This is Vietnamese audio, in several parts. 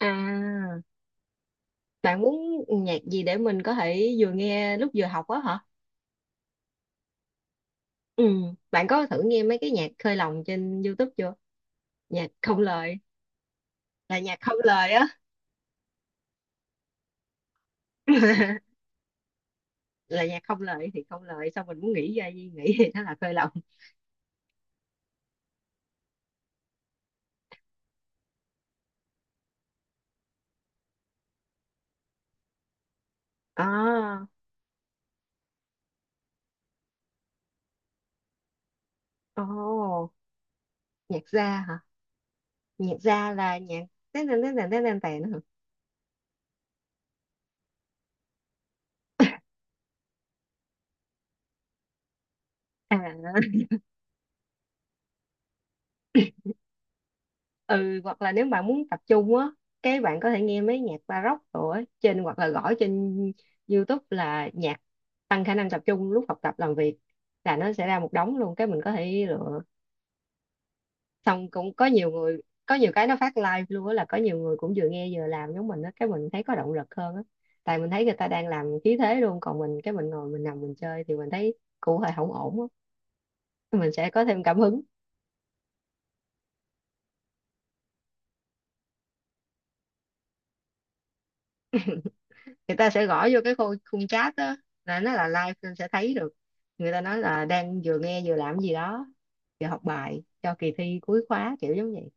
À, bạn muốn nhạc gì để mình có thể vừa nghe lúc vừa học á hả? Ừ, bạn có thử nghe mấy cái nhạc khơi lòng trên YouTube chưa? Nhạc không lời, là nhạc không lời á. Là nhạc không lời thì không lời, xong mình muốn nghĩ ra gì nghĩ thì nó là khơi lòng. À, ồ, nhạc ra hả? Nhạc ra là nhạc tèn tèn tèn tèn tèn tèn tèn hả? À, ừ, hoặc là nếu bạn muốn tập trung á, cái bạn có thể nghe mấy nhạc baroque rồi á, trên hoặc là gõ trên YouTube là nhạc tăng khả năng tập trung lúc học tập làm việc, là nó sẽ ra một đống luôn cái mình có thể lựa. Xong cũng có nhiều người, có nhiều cái nó phát live luôn á, là có nhiều người cũng vừa nghe vừa làm giống mình á, cái mình thấy có động lực hơn á. Tại mình thấy người ta đang làm khí thế luôn, còn mình cái mình ngồi mình nằm mình chơi thì mình thấy cụ hơi không ổn á, mình sẽ có thêm cảm hứng. Người ta sẽ gõ vô cái khung chat đó, là nó là live nên sẽ thấy được người ta nói là đang vừa nghe vừa làm gì đó, vừa học bài cho kỳ thi cuối khóa kiểu giống vậy.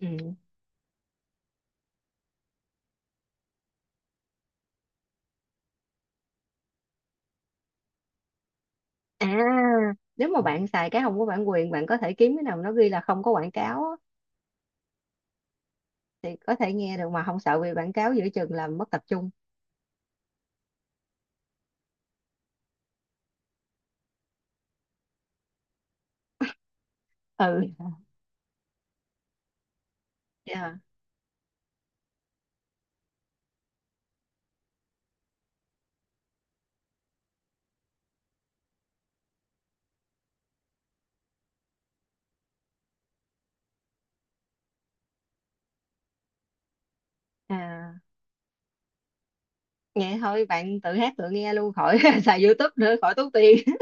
Ừ. À, nếu mà bạn xài cái không có bản quyền, bạn có thể kiếm cái nào nó ghi là không có quảng cáo á, thì có thể nghe được mà không sợ bị quảng cáo giữa chừng làm mất tập trung. Ừ, yeah. À, nghe thôi bạn tự hát tự nghe luôn khỏi xài YouTube nữa khỏi tốn tiền.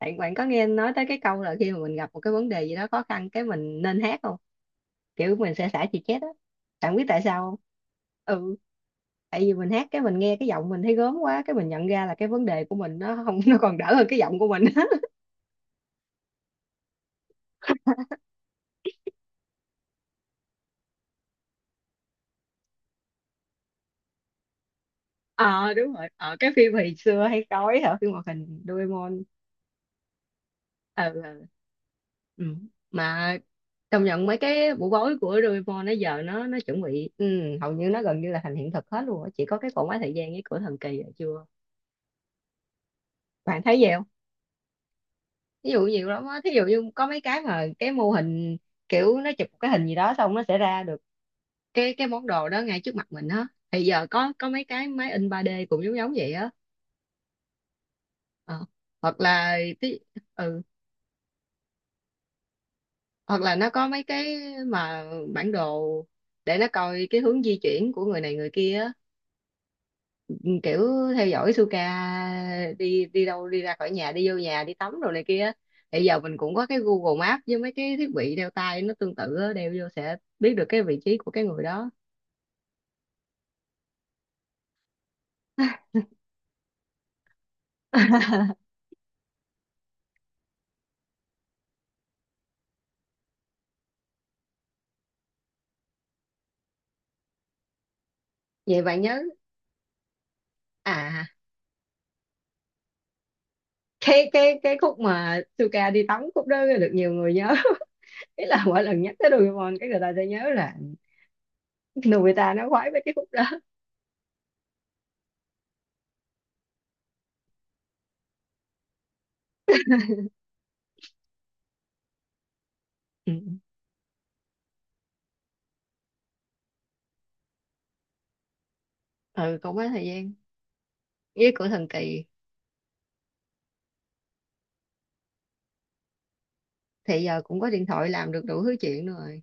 bạn bạn có nghe nói tới cái câu là khi mà mình gặp một cái vấn đề gì đó khó khăn cái mình nên hát không? Kiểu mình sẽ xả chì chét á. Bạn biết tại sao không? Ừ, tại vì mình hát cái mình nghe cái giọng mình thấy gớm quá, cái mình nhận ra là cái vấn đề của mình nó không, nó còn đỡ hơn cái giọng của mình. Ờ, đúng rồi. Ờ, cái phim hồi xưa hay coi hả, phim hoạt hình Doraemon. Ờ, ừ, ừ. Mà công nhận mấy cái bộ gối của Doraemon nó giờ nó chuẩn bị, ừ, hầu như nó gần như là thành hiện thực hết luôn á, chỉ có cái cỗ máy thời gian với cửa thần kỳ là chưa. Bạn thấy vậy, ví dụ nhiều lắm á, thí dụ như có mấy cái mà cái mô hình kiểu nó chụp cái hình gì đó xong nó sẽ ra được cái món đồ đó ngay trước mặt mình á, thì giờ có mấy cái máy in 3D cũng giống giống vậy á. Ờ. Hoặc là tí, ừ, hoặc là nó có mấy cái mà bản đồ để nó coi cái hướng di chuyển của người này người kia á, kiểu theo dõi Suka đi đi đâu, đi ra khỏi nhà, đi vô nhà, đi tắm rồi này kia á. Bây giờ mình cũng có cái Google Maps với mấy cái thiết bị đeo tay nó tương tự á, đeo vô sẽ biết được cái vị trí của cái người đó. Vậy bạn nhớ à, cái khúc mà Suka đi tắm khúc đó được nhiều người nhớ. Ý là mỗi lần nhắc tới Doraemon cái người ta sẽ nhớ là Nobita nó khoái với cái khúc đó. Ừ, ừ, cũng có thời gian với của thần kỳ. Thì giờ cũng có điện thoại làm được đủ thứ chuyện rồi.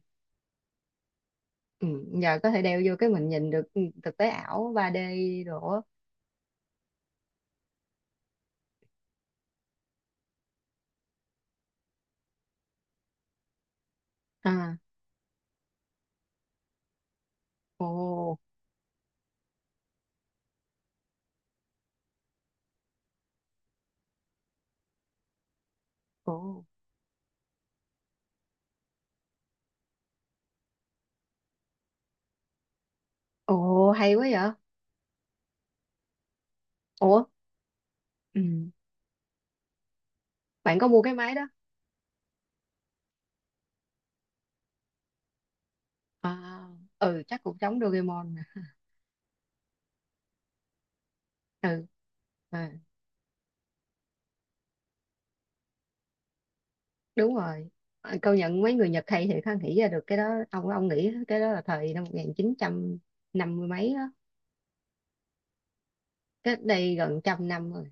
Ừ, giờ có thể đeo vô cái mình nhìn được, ừ, thực tế ảo ba d đồ á. À, ồ, ồ, ồ, hay quá vậy. Ủa, ừ, bạn có mua cái máy đó à? Ừ, chắc cũng giống Doraemon nè. Ừ, à, đúng rồi. À, công nhận mấy người Nhật hay thì ha, nghĩ ra được cái đó. Ông nghĩ cái đó là thời năm một nghìn chín trăm năm mươi mấy đó, cách đây gần trăm năm rồi.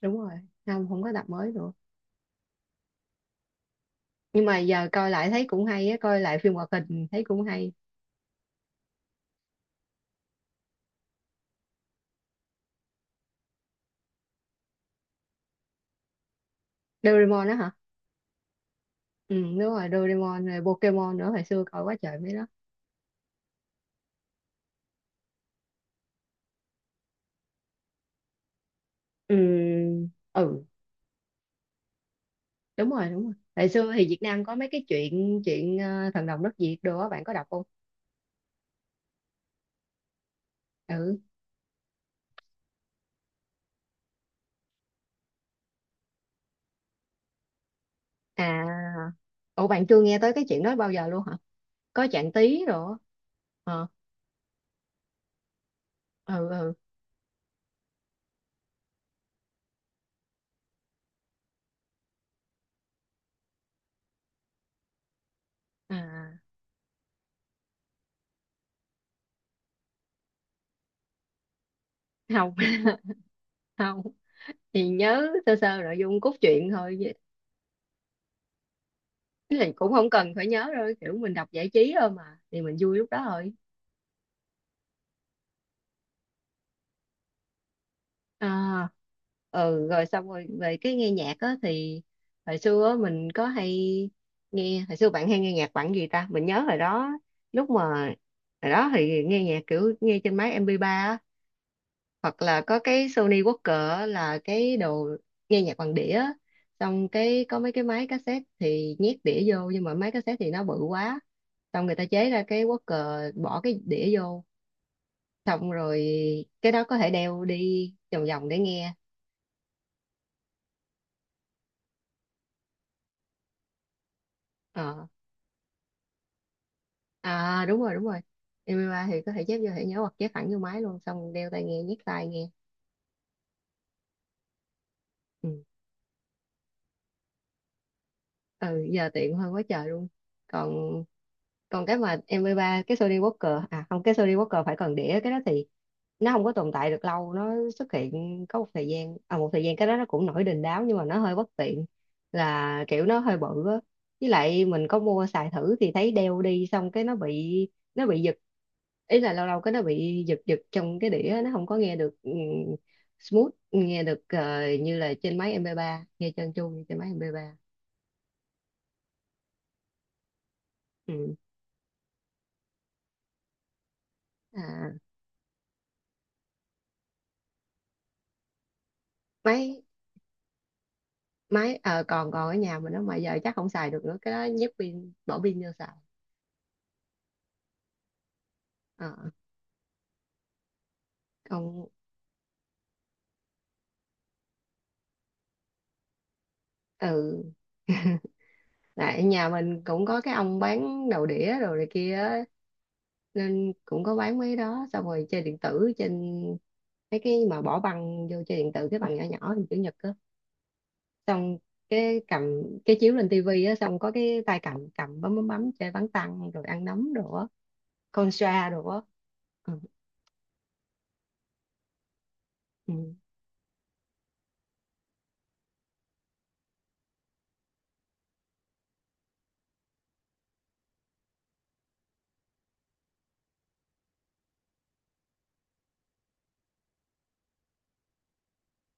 Đúng rồi, không, không có tập mới nữa, nhưng mà giờ coi lại thấy cũng hay á, coi lại phim hoạt hình thấy cũng hay. Doraemon đó hả? Ừ, đúng rồi, Doraemon rồi Pokemon nữa, hồi xưa coi quá trời mấy đó. Ừ, ừ, đúng rồi đúng rồi, hồi xưa thì Việt Nam có mấy cái chuyện chuyện ờ, thần đồng đất Việt đồ á, bạn có đọc không? Ừ. À, ủa bạn chưa nghe tới cái chuyện đó bao giờ luôn hả? Có Trạng Tí rồi. Ờ, ừ, ừ. À, không. Không thì nhớ sơ sơ nội dung cốt truyện thôi, chứ là cũng không cần phải nhớ đâu, kiểu mình đọc giải trí thôi mà, thì mình vui lúc đó thôi. À, ừ, rồi xong rồi về cái nghe nhạc á thì hồi xưa á, mình có hay nghe, hồi xưa bạn hay nghe nhạc bằng gì ta, mình nhớ hồi đó lúc mà hồi đó thì nghe nhạc kiểu nghe trên máy MP3 á, hoặc là có cái Sony Walkman á, là cái đồ nghe nhạc bằng đĩa á. Xong cái có mấy cái máy cassette thì nhét đĩa vô, nhưng mà máy cassette thì nó bự quá, xong người ta chế ra cái Walkman bỏ cái đĩa vô, xong rồi cái đó có thể đeo đi vòng vòng để nghe. Ờ. À, đúng rồi đúng rồi, MP3 thì có thể chép vô thẻ nhớ hoặc chép thẳng vô máy luôn, xong đeo tai nghe, nhét tai nghe. Ừ. Ừ, giờ tiện hơn quá trời luôn. Còn còn cái mà MP3, cái Sony Walker à, không, cái Sony Walker phải còn đĩa, cái đó thì nó không có tồn tại được lâu, nó xuất hiện có một thời gian, à một thời gian cái đó nó cũng nổi đình đám nhưng mà nó hơi bất tiện, là kiểu nó hơi bự á, với lại mình có mua xài thử thì thấy đeo đi xong cái nó bị giật, ý là lâu lâu cái nó bị giật giật trong cái đĩa, nó không có nghe được ừ, smooth, nghe được ờ, như là trên máy mp ba, nghe trơn tru như trên máy MP3. Ừ. À, máy máy ờ, còn còn ở nhà mình nó, mà giờ chắc không xài được nữa, cái đó nhét pin, bỏ pin vô xài. Ờ, còn ừ, tại nhà mình cũng có cái ông bán đầu đĩa đồ này kia á, nên cũng có bán mấy đó, xong rồi chơi điện tử trên mấy cái mà bỏ băng vô chơi điện tử, cái băng nhỏ nhỏ hình chữ nhật á, xong cái cầm cái chiếu lên tivi á, xong có cái tay cầm cầm bấm bấm bấm chơi bắn tăng rồi ăn nấm đồ á, con xoa đồ á. Ừ. Ừ.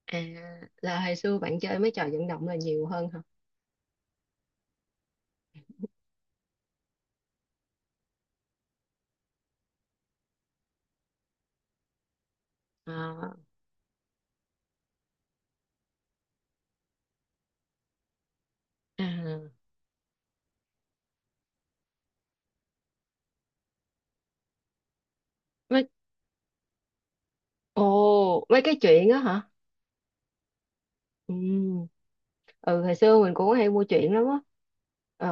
À, là hồi xưa bạn chơi mấy trò vận động là nhiều hơn hả? À, à. mấy Ồ, mấy cái chuyện đó hả? Ừ. Ừ, hồi xưa mình cũng hay mua truyện lắm á, ờ,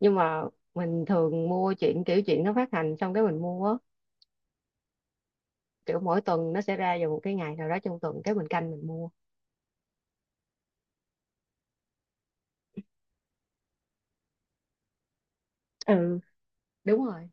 nhưng mà mình thường mua truyện kiểu truyện nó phát hành xong cái mình mua á, kiểu mỗi tuần nó sẽ ra vào một cái ngày nào đó trong tuần cái mình canh mình mua. Ừ, đúng rồi.